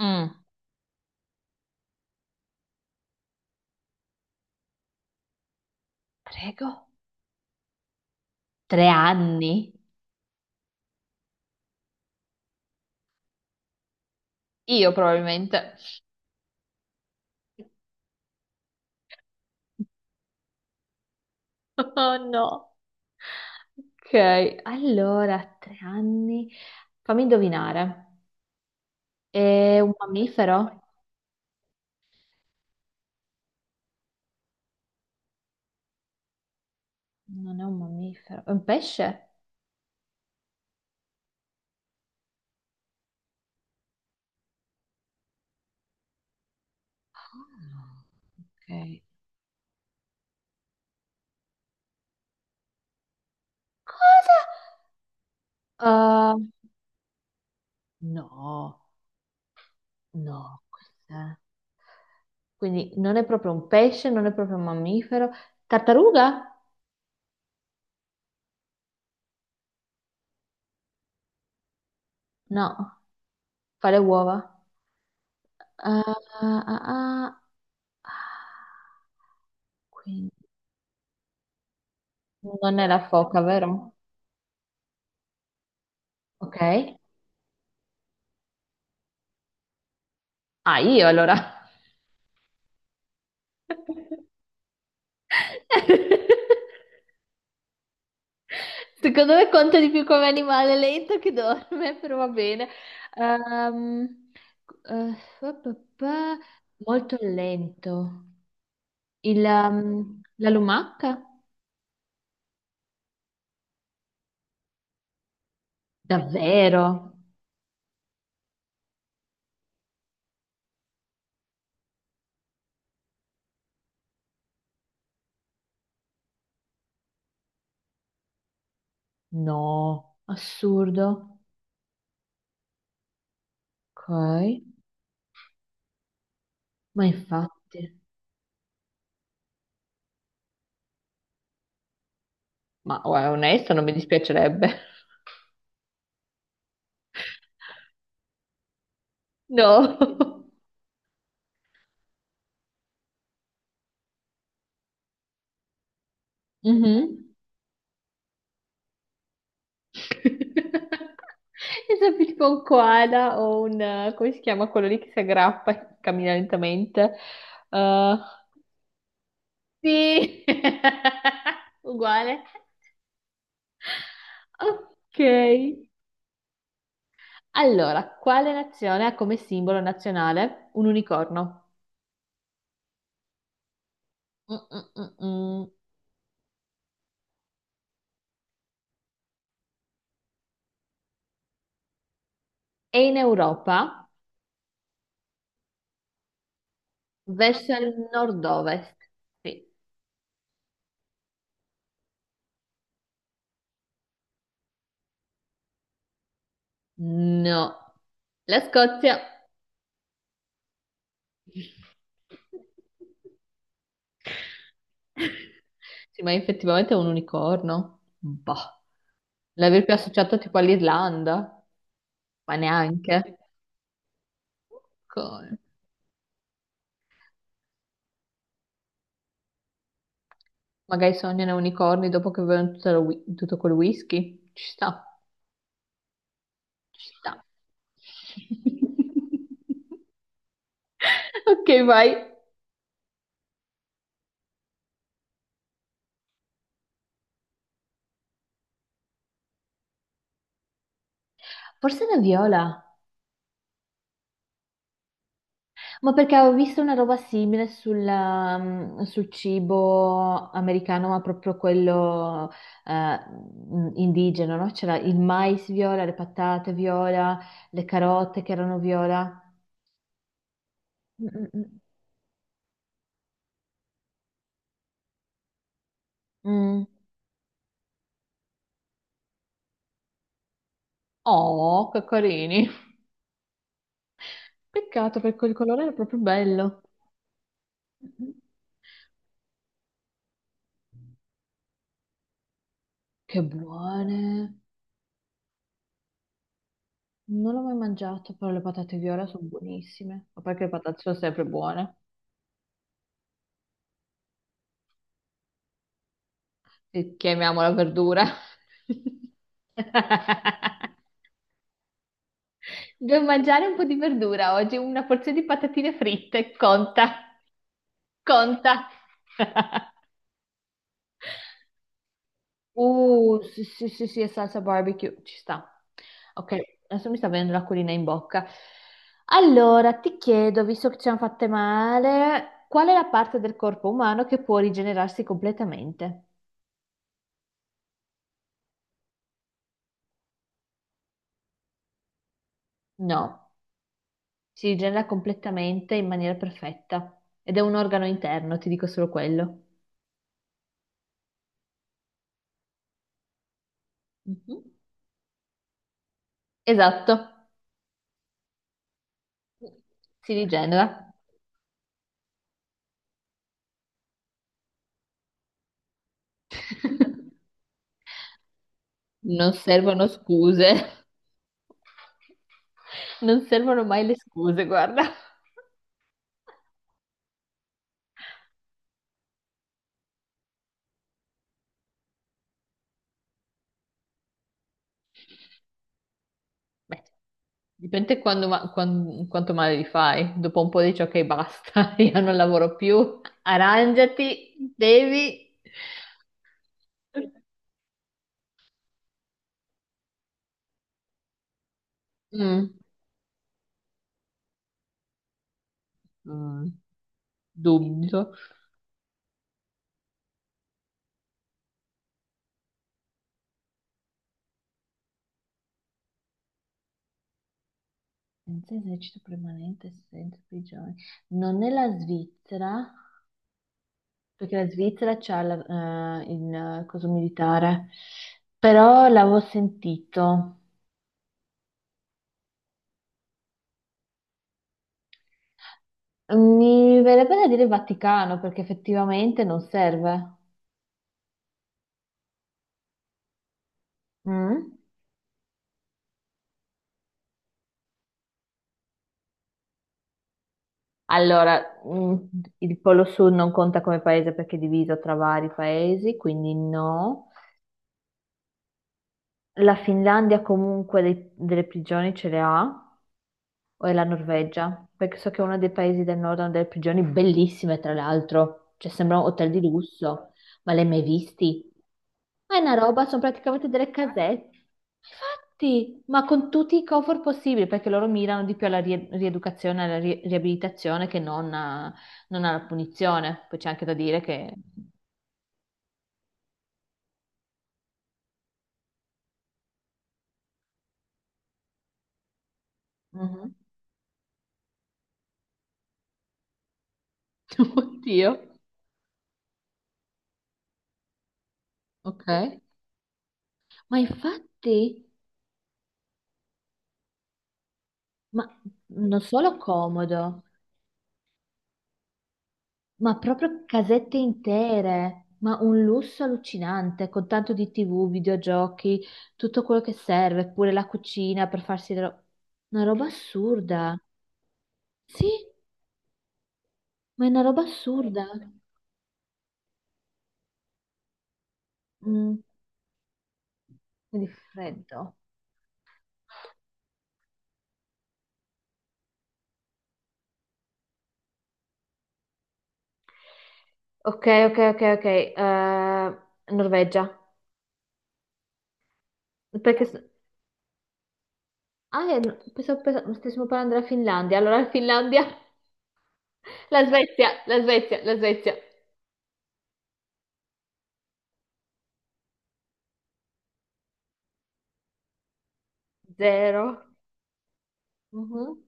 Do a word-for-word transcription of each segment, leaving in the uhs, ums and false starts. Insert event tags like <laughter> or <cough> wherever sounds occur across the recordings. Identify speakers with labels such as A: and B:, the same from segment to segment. A: Mm. Prego. tre anni? Io probabilmente. <laughs> Oh no. Ok, allora, tre anni. Fammi indovinare. È un mammifero? Non è un mammifero, è un pesce? Ok. Uh, no, no. questa- Quindi non è proprio un pesce, non è proprio un mammifero. Tartaruga? No, fa le uova. Ah, ah, ah, ah. Non è la foca, vero? Ok. Ah, io allora. <laughs> Secondo me conta di più come animale lento che dorme, però va bene. Ehm, eh, pa, pa, pa, molto lento. Il, ehm, la lumaca? Davvero? No, assurdo. Ok, ma infatti. Ma guarda, onesto, non mi dispiacerebbe. <laughs> No. Mhm. È sempre tipo un koala o un, eh, come si chiama quello lì che si aggrappa e cammina lentamente? Eh, sì! <laughs> Uguale. Ok. Allora, quale nazione ha come simbolo nazionale un unicorno? Mm-mm-mm-mm. È in Europa, verso il nord-ovest. Sì. No. La Scozia. <laughs> Sì, ma effettivamente è un unicorno. Boh. L'aver più associato tipo all'Irlanda, ma neanche. Co- Magari sognano unicorni dopo che bevono tutto, lo whi- tutto quel whisky. Ci sta, ci sta. <laughs> Ok, vai. Forse una viola. Ma perché avevo visto una roba simile sulla, mm, sul cibo americano, ma proprio quello eh, mm, indigeno, no? C'era il mais viola, le patate viola, le carote che erano viola. Mm, mm, mm. Mm. Oh, che carini. Peccato perché il colore era proprio bello. Mm, Che buone. Non l'ho mai mangiato, però le patate viola sono buonissime. Ma perché le patate sono sempre buone. eh, chiamiamola verdura. <laughs> Devo mangiare un po' di verdura oggi, una porzione di patatine fritte, conta, conta. Uh, sì, sì, sì, sì, è salsa barbecue, ci sta. Ok, adesso mi sta venendo l'acquolina in bocca. Allora, ti chiedo, visto che ci hanno fatte male, qual è la parte del corpo umano che può rigenerarsi completamente? No. Si rigenera completamente in maniera perfetta ed è un organo interno, ti dico solo quello. Mhm. Esatto, si rigenera. <laughs> Non servono scuse. Non servono mai le scuse, guarda. Beh, dipende quando ma- quan- quanto male li fai. Dopo un po' dici ok, basta, <laughs> io non lavoro più. Arrangiati, devi. Mm. Mm. Dubito. Senza esercito permanente, senza prigione. Non è la Svizzera, perché la Svizzera c'ha la- eh, il eh, coso militare, però l'avevo sentito. Mi verrebbe da dire Vaticano, perché effettivamente non serve. Mm? Allora, mm, il Polo Sud non conta come paese perché è diviso tra vari paesi, quindi no. La Finlandia comunque dei- delle prigioni ce le ha. O è la Norvegia, perché so che è uno dei paesi del nord hanno delle prigioni bellissime, tra l'altro, cioè sembrano hotel di lusso, ma le hai mai visti? Ma è una roba, sono praticamente delle casette. Infatti, ma con tutti i comfort possibili, perché loro mirano di più alla rie- rieducazione, alla ri- riabilitazione che non, a- non alla punizione. Poi c'è anche da dire che. Mhm. <laughs> Oddio, ok. Ma infatti, ma non solo comodo. Ma proprio casette intere, ma un lusso allucinante, con tanto di tivù, videogiochi, tutto quello che serve, pure la cucina per farsi la ro- una roba assurda. Sì, ma è una roba assurda. Mm, di freddo. Ok, ok, ok, ok. Eh, Norvegia. Perché. s- Ah, è- pensavo, pensavo- stessimo parlando della Finlandia. Allora, la Finlandia, <laughs> la Svezia, la Svezia, la Svezia. Zero. Mhm.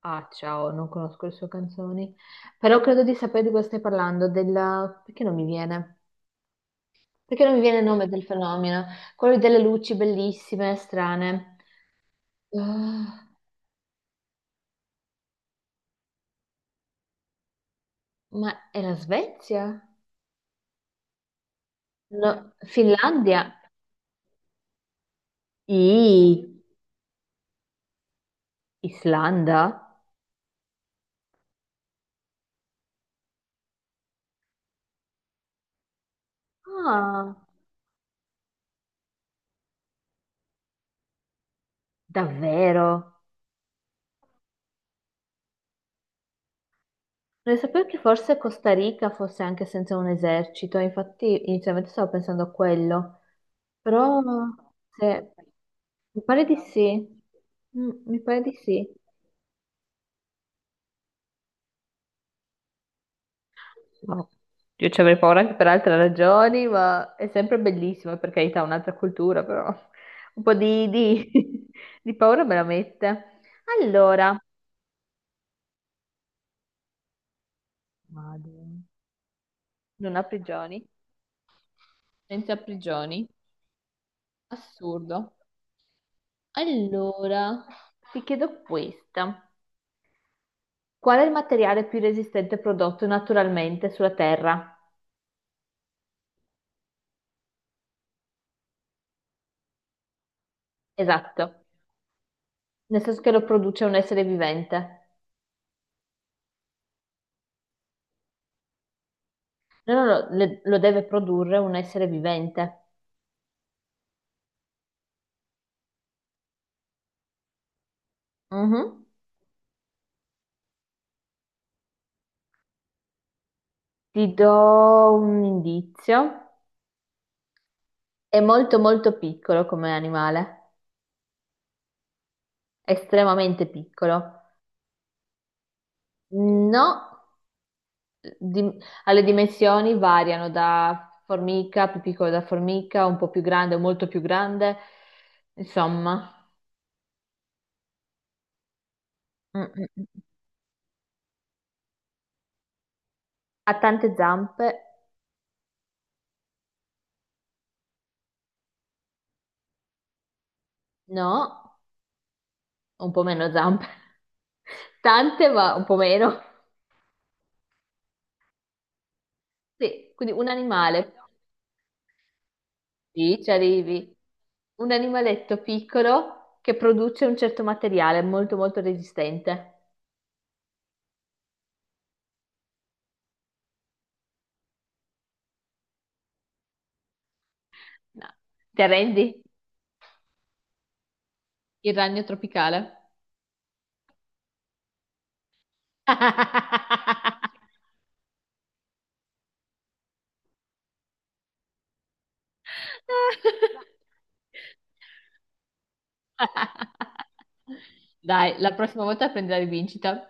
A: Ah, ciao, non conosco le sue canzoni, però credo di sapere di cosa stai parlando, della. Perché non mi viene? Perché non mi viene il nome del fenomeno? Quello delle luci bellissime, strane. Ah, ma è la Svezia? No, Finlandia? I. Islanda? Ah, davvero? Non sapevo che forse Costa Rica fosse anche senza un esercito, infatti inizialmente stavo pensando a quello. Però, se, mi pare di sì. Mm, mi pare di sì. No. Io ci avrei paura anche per altre ragioni, ma è sempre bellissimo, per carità, un'altra cultura, però <laughs> un po' di, di- <laughs> di paura me la mette. Allora, Madre. Non ha prigioni, senza prigioni, assurdo. Allora, ti chiedo questa. Qual è il materiale più resistente prodotto naturalmente sulla Terra? Esatto. Nel senso che lo produce un essere vivente. No, no, no, le- lo deve produrre un essere vivente. Mhm. Ti do un indizio. È molto molto piccolo come animale, estremamente piccolo. No, di- alle dimensioni variano da formica, più piccolo da formica, un po' più grande, molto più grande. Insomma. Mm, mm, mm. Ha tante zampe? No, un po' meno zampe. <laughs> Tante, ma un po' meno. Sì, quindi un animale, sì, ci arrivi, un animaletto piccolo che produce un certo materiale molto molto resistente. No. Ti arrendi? Il ragno tropicale. <laughs> Dai, la prossima volta prendi la rivincita.